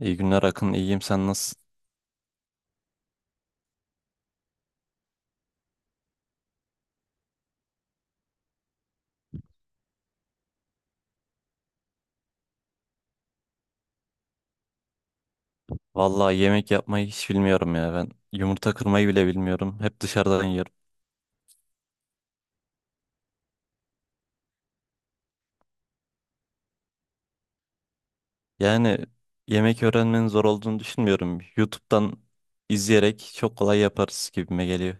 İyi günler Akın, iyiyim sen nasılsın? Vallahi yemek yapmayı hiç bilmiyorum ya ben. Yumurta kırmayı bile bilmiyorum. Hep dışarıdan yiyorum. Yani yemek öğrenmenin zor olduğunu düşünmüyorum. YouTube'dan izleyerek çok kolay yaparız gibime geliyor.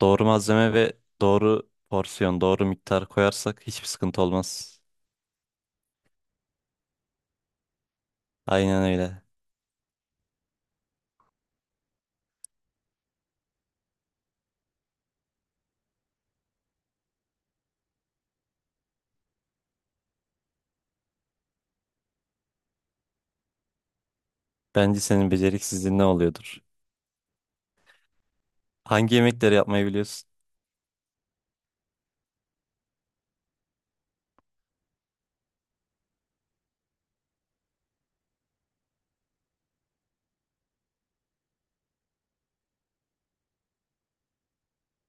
Doğru malzeme ve doğru porsiyon, doğru miktar koyarsak hiçbir sıkıntı olmaz. Aynen öyle. Bence senin beceriksizliğin ne oluyordur? Hangi yemekleri yapmayı biliyorsun?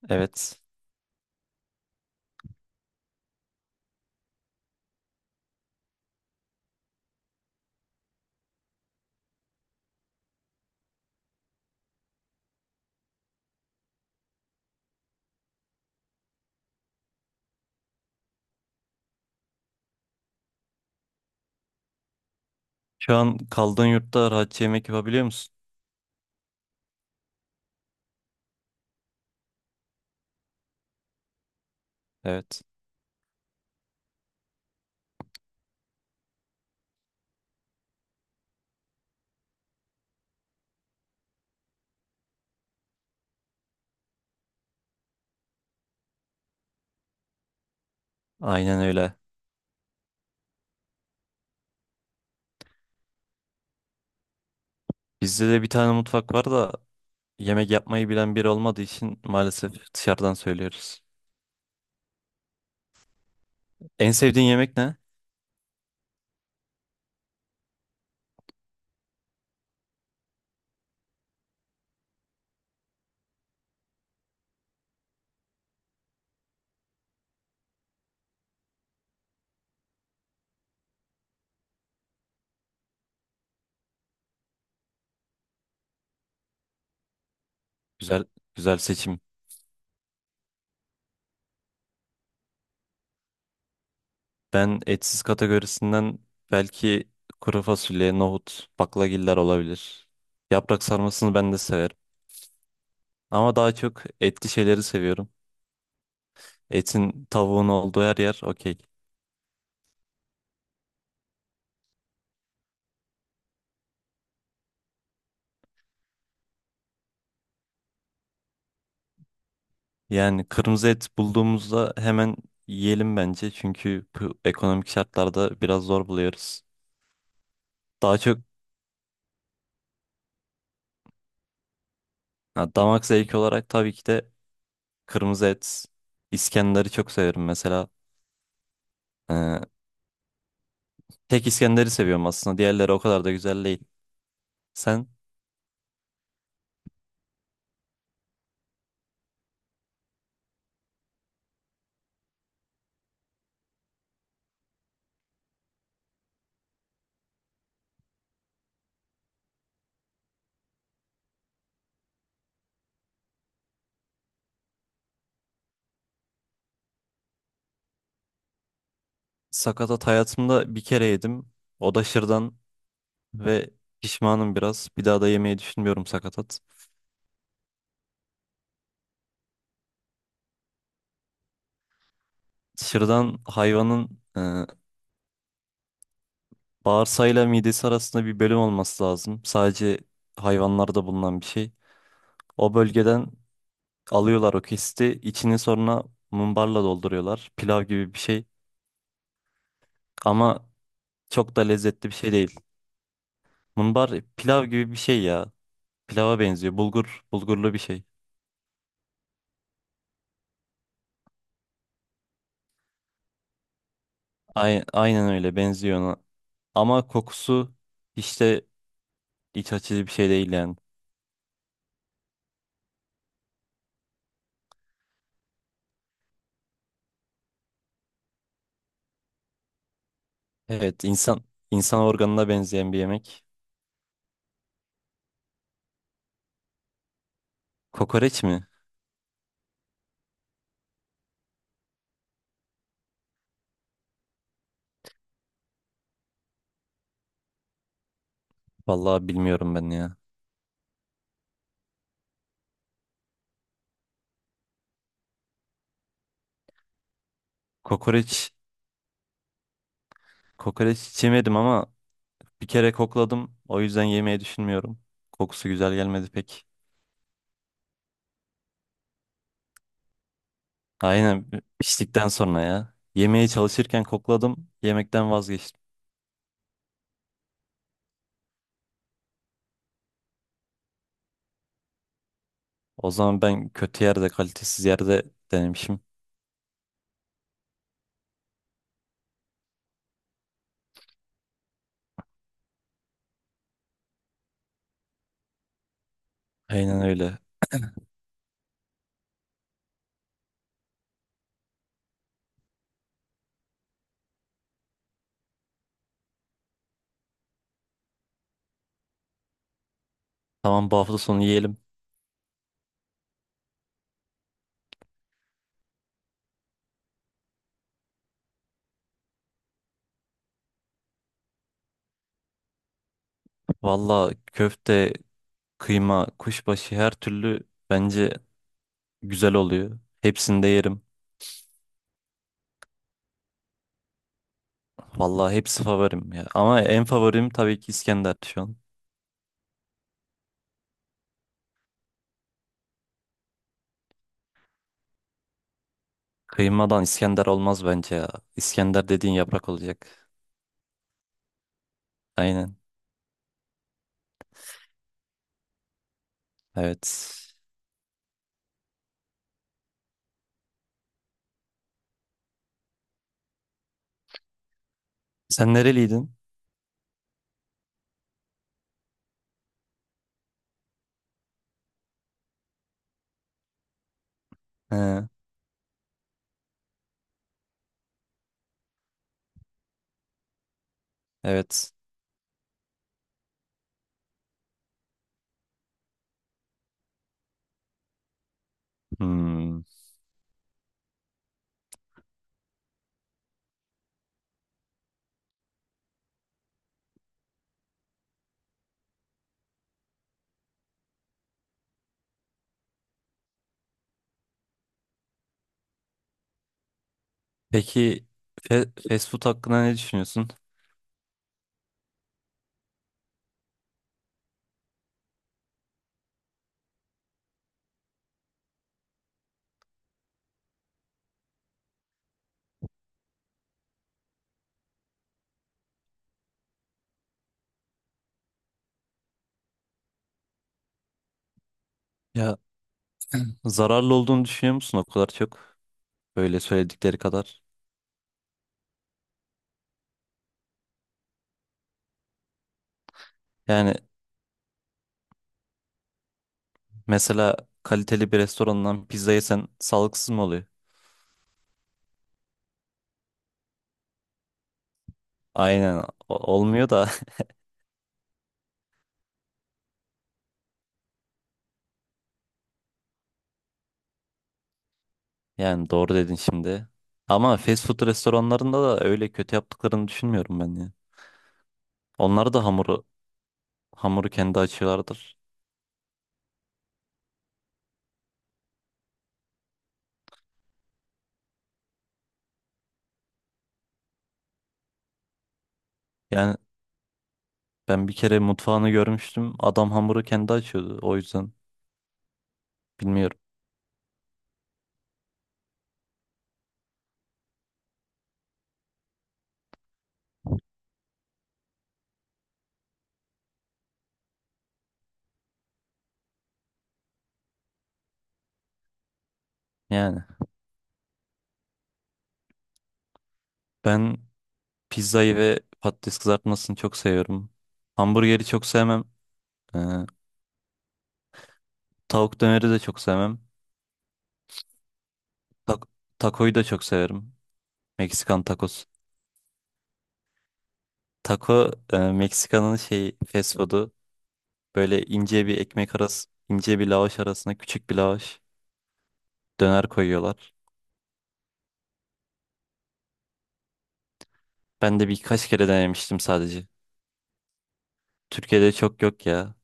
Evet. Şu an kaldığın yurtta rahatça yemek yapabiliyor musun? Evet. Aynen öyle. Bizde de bir tane mutfak var da yemek yapmayı bilen biri olmadığı için maalesef dışarıdan söylüyoruz. En sevdiğin yemek ne? Güzel, güzel seçim. Ben etsiz kategorisinden belki kuru fasulye, nohut, baklagiller olabilir. Yaprak sarmasını ben de severim. Ama daha çok etli şeyleri seviyorum. Etin, tavuğun olduğu her yer okey. Yani kırmızı et bulduğumuzda hemen yiyelim bence. Çünkü bu ekonomik şartlarda biraz zor buluyoruz. Daha çok ha, damak zevki olarak tabii ki de kırmızı et, İskender'i çok severim mesela. Ee, Tek İskender'i seviyorum aslında. Diğerleri o kadar da güzel değil. Sen sakatat hayatımda bir kere yedim. O da şırdan ve pişmanım biraz. Bir daha da yemeyi düşünmüyorum sakatat. Şırdan hayvanın bağırsağıyla midesi arasında bir bölüm olması lazım. Sadece hayvanlarda bulunan bir şey. O bölgeden alıyorlar o kesti. İçini sonra mumbarla dolduruyorlar. Pilav gibi bir şey. Ama çok da lezzetli bir şey değil. Mumbar pilav gibi bir şey ya. Pilava benziyor. Bulgur, bulgurlu bir şey. Aynen öyle benziyor ona. Ama kokusu işte iç açıcı bir şey değil yani. Evet, insan organına benzeyen bir yemek. Kokoreç mi? Vallahi bilmiyorum ben ya. Kokoreç Kokoreç hiç yemedim ama bir kere kokladım. O yüzden yemeyi düşünmüyorum. Kokusu güzel gelmedi pek. Aynen, piştikten sonra ya. Yemeye çalışırken kokladım. Yemekten vazgeçtim. O zaman ben kötü yerde, kalitesiz yerde denemişim. Aynen öyle. Tamam, bu hafta sonu yiyelim. Valla köfte, kıyma, kuşbaşı her türlü bence güzel oluyor. Hepsini de yerim. Valla hepsi favorim ya. Ama en favorim tabii ki İskender şu an. Kıymadan İskender olmaz bence ya. İskender dediğin yaprak olacak. Aynen. Evet. Sen nereliydin? He, evet. Hmm. Peki fast food hakkında ne düşünüyorsun? Ya, zararlı olduğunu düşünüyor musun o kadar çok? Böyle söyledikleri kadar. Yani mesela kaliteli bir restorandan pizza yesen sağlıksız mı oluyor? Aynen olmuyor da yani doğru dedin şimdi. Ama fast food restoranlarında da öyle kötü yaptıklarını düşünmüyorum ben ya. Onlar da hamuru kendi açıyorlardır. Yani ben bir kere mutfağını görmüştüm. Adam hamuru kendi açıyordu. O yüzden bilmiyorum. Yani ben pizzayı ve patates kızartmasını çok seviyorum. Hamburgeri çok sevmem. Ee, Tavuk döneri de çok sevmem. Tak Takoyu da çok severim. Meksikan tacos. Taco, Meksika'nın şey fast food'u. Böyle ince bir ekmek arası, ince bir lavaş arasına küçük bir lavaş döner koyuyorlar. Ben de birkaç kere denemiştim sadece. Türkiye'de çok yok ya.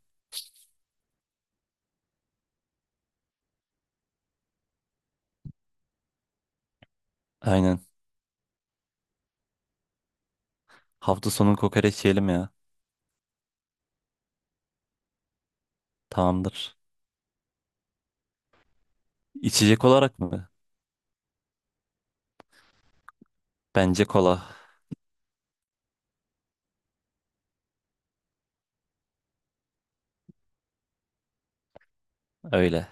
Aynen. Hafta sonu kokoreç yiyelim ya. Tamamdır. İçecek olarak mı? Bence kola. Öyle.